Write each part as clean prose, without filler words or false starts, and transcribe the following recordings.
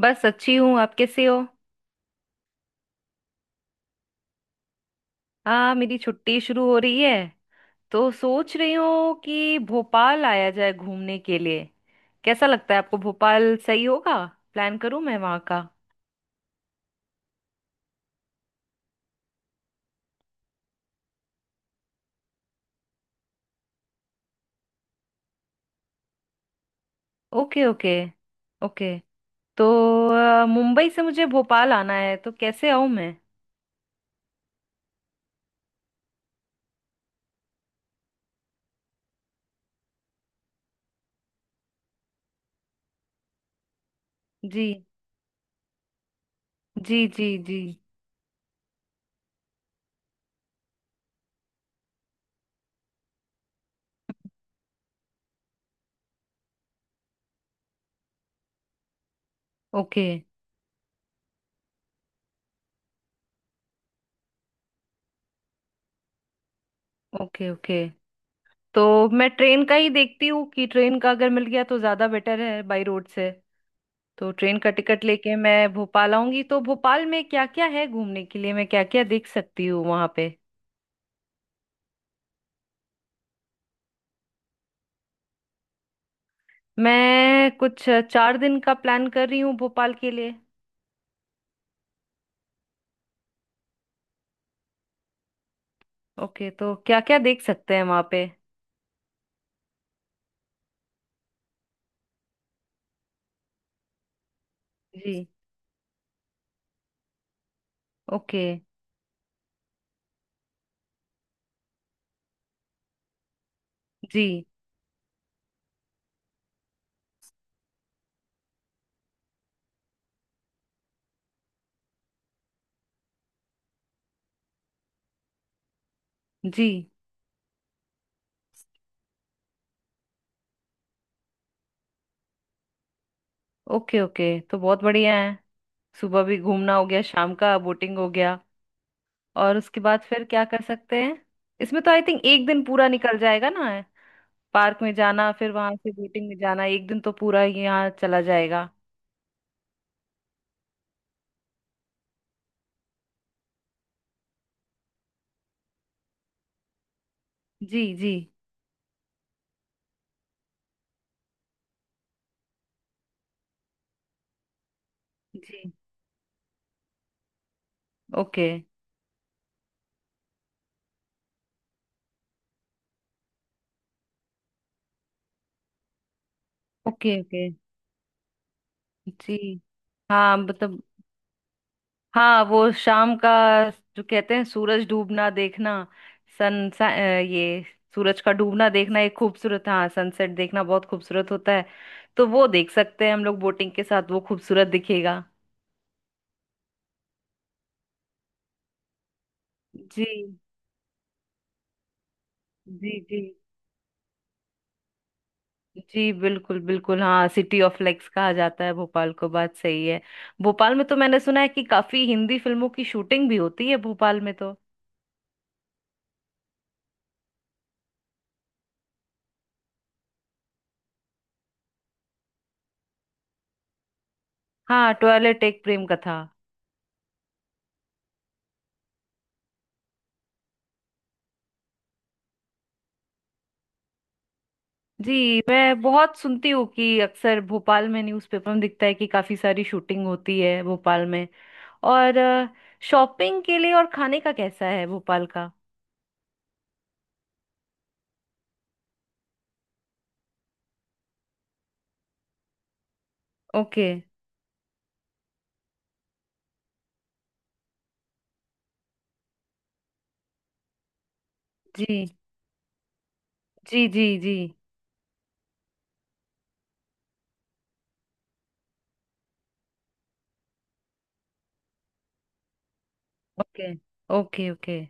बस अच्छी हूँ। आप कैसे हो? हाँ, मेरी छुट्टी शुरू हो रही है तो सोच रही हूँ कि भोपाल आया जाए घूमने के लिए। कैसा लगता है आपको, भोपाल सही होगा? प्लान करूँ मैं वहाँ का? Okay okay. ओके। तो मुंबई से मुझे भोपाल आना है, तो कैसे आऊँ मैं? जी। जी जी जी। Okay okay. ओके। तो मैं ट्रेन का ही देखती हूँ कि ट्रेन का अगर मिल गया तो ज़्यादा बेटर है बाई रोड से। तो ट्रेन का टिकट लेके मैं भोपाल आऊंगी, तो भोपाल में क्या क्या है घूमने के लिए? मैं क्या क्या देख सकती हूँ वहां पे? मैं कुछ 4 दिन का प्लान कर रही हूँ भोपाल के लिए। ओके, तो क्या क्या देख सकते हैं वहां पे? जी। ओके। जी जी। ओके ओके, तो बहुत बढ़िया है। सुबह भी घूमना हो गया, शाम का बोटिंग हो गया। और उसके बाद फिर क्या कर सकते हैं? इसमें तो आई थिंक एक दिन पूरा निकल जाएगा ना? पार्क में जाना, फिर वहां से बोटिंग में जाना, एक दिन तो पूरा यहाँ चला जाएगा। जी जी जी। Okay okay. ओके। जी, हाँ, मतलब, हाँ, वो शाम का जो कहते हैं सूरज डूबना देखना, सन सा, अ, ये सूरज का डूबना देखना एक खूबसूरत, हाँ, सनसेट देखना बहुत खूबसूरत होता है। तो वो देख सकते हैं हम लोग बोटिंग के साथ, वो खूबसूरत दिखेगा। जी। जी जी। जी बिल्कुल बिल्कुल। हाँ, सिटी ऑफ लेक्स कहा जाता है भोपाल को, बात सही है। भोपाल में तो मैंने सुना है कि काफी हिंदी फिल्मों की शूटिंग भी होती है भोपाल में तो। हाँ, टॉयलेट एक प्रेम कथा। जी, मैं बहुत सुनती हूँ कि अक्सर भोपाल में न्यूज़पेपर में दिखता है कि काफी सारी शूटिंग होती है भोपाल में। और शॉपिंग के लिए और खाने का कैसा है भोपाल का? ओके। जी जी जी। जी। Okay okay. ओके।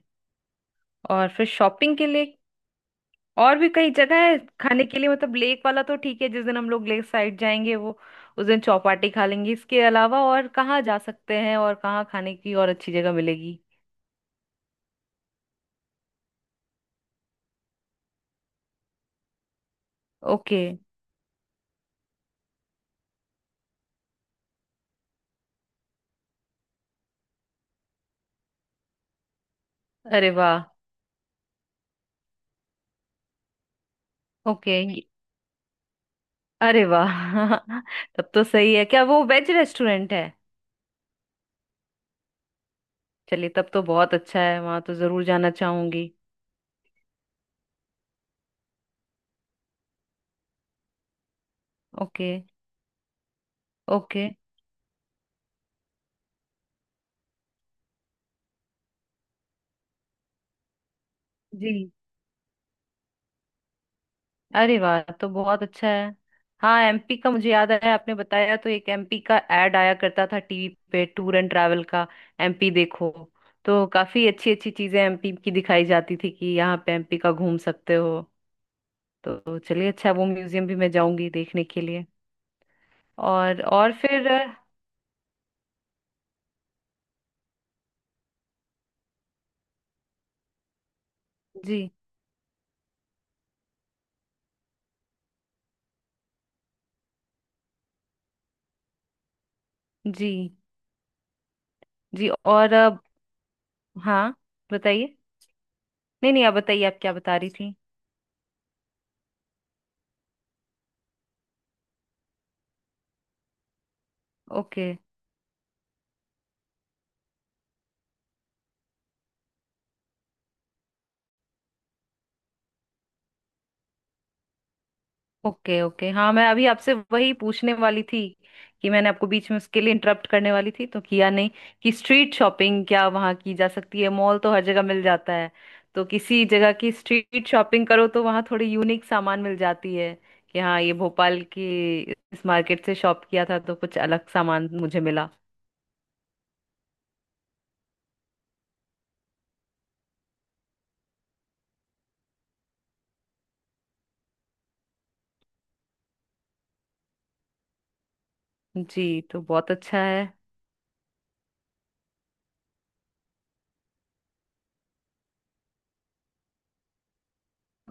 और फिर शॉपिंग के लिए, और भी कई जगह है खाने के लिए, मतलब लेक वाला तो ठीक है, जिस दिन हम लोग लेक साइड जाएंगे वो उस दिन चौपाटी खा लेंगे। इसके अलावा और कहाँ जा सकते हैं, और कहाँ खाने की और अच्छी जगह मिलेगी? ओके। अरे वाह। ओके अरे वाह। तब तो सही है, क्या वो वेज रेस्टोरेंट है? चलिए, तब तो बहुत अच्छा है, वहां तो जरूर जाना चाहूंगी। Okay okay. जी, अरे वाह, तो बहुत अच्छा है। हाँ, एमपी का मुझे याद आया, आपने बताया तो। एक एमपी का एड आया करता था टीवी पे, टूर एंड ट्रैवल का, एमपी देखो। तो काफी अच्छी अच्छी चीजें एमपी की दिखाई जाती थी कि यहाँ पे एमपी का घूम सकते हो। तो चलिए अच्छा है, वो म्यूजियम भी मैं जाऊंगी देखने के लिए। और फिर। जी जी जी। और अब? हाँ, बताइए। नहीं नहीं, आप बताइए, आप क्या बता रही थी? Okay okay. ओके। हाँ, मैं अभी आपसे वही पूछने वाली थी, कि मैंने आपको बीच में उसके लिए इंटरप्ट करने वाली थी तो किया नहीं, कि स्ट्रीट शॉपिंग क्या वहाँ की जा सकती है? मॉल तो हर जगह मिल जाता है, तो किसी जगह की स्ट्रीट शॉपिंग करो तो वहाँ थोड़ी यूनिक सामान मिल जाती है कि हाँ, ये भोपाल की इस मार्केट से शॉप किया था तो कुछ अलग सामान मुझे मिला। जी, तो बहुत अच्छा है।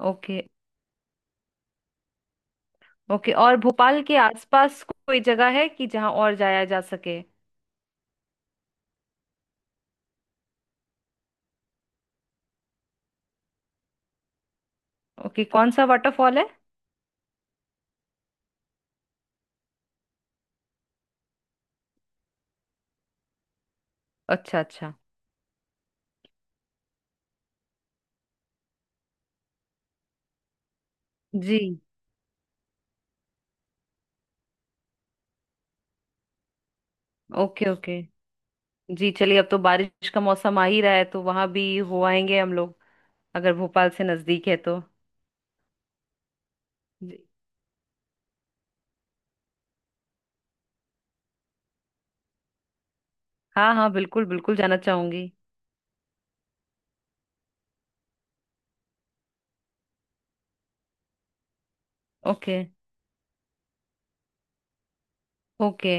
ओके। ओके, और भोपाल के आसपास कोई जगह है कि जहाँ और जाया जा सके? ओके, कौन सा वाटरफॉल है? अच्छा अच्छा। जी। Okay okay. जी, चलिए, अब तो बारिश का मौसम आ ही रहा है तो वहां भी हो आएंगे हम लोग, अगर भोपाल से नजदीक है तो। जी। हाँ हाँ बिल्कुल बिल्कुल, जाना चाहूंगी। Okay okay.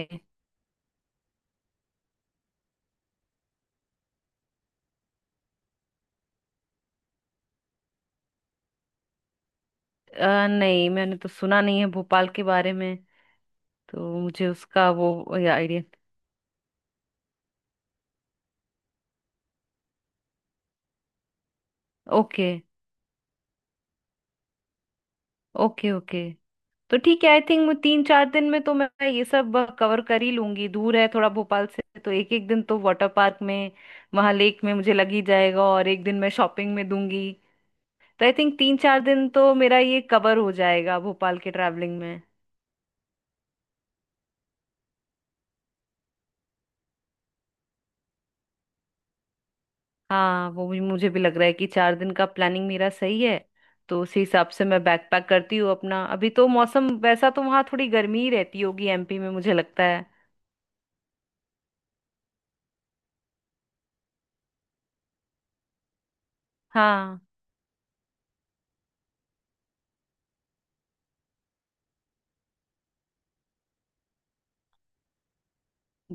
नहीं, मैंने तो सुना नहीं है भोपाल के बारे में, तो मुझे उसका वो आइडिया। ओके। Okay okay. तो ठीक है, आई थिंक 3-4 दिन में तो मैं ये सब कवर कर ही लूंगी। दूर है थोड़ा भोपाल से, तो एक एक दिन तो वाटर पार्क में, वहां लेक में मुझे लग ही जाएगा, और एक दिन मैं शॉपिंग में दूंगी। तो आई थिंक 3-4 दिन तो मेरा ये कवर हो जाएगा भोपाल के ट्रैवलिंग में। हाँ, वो भी मुझे भी लग रहा है कि 4 दिन का प्लानिंग मेरा सही है। तो उसी हिसाब से मैं बैकपैक करती हूँ अपना। अभी तो मौसम वैसा, तो वहाँ थोड़ी गर्मी ही रहती होगी एमपी में, मुझे लगता है। हाँ।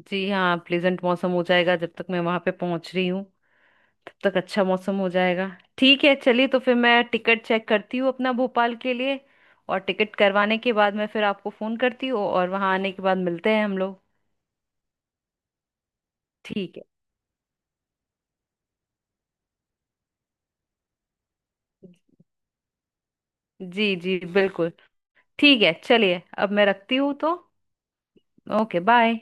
जी, हाँ, प्लेजेंट मौसम हो जाएगा, जब तक मैं वहां पे पहुंच रही हूँ तब तक अच्छा मौसम हो जाएगा। ठीक है, चलिए, तो फिर मैं टिकट चेक करती हूँ अपना भोपाल के लिए, और टिकट करवाने के बाद मैं फिर आपको फोन करती हूँ, और वहां आने के बाद मिलते हैं हम लोग। ठीक है। जी जी बिल्कुल। ठीक है, चलिए, अब मैं रखती हूँ तो। Okay, bye.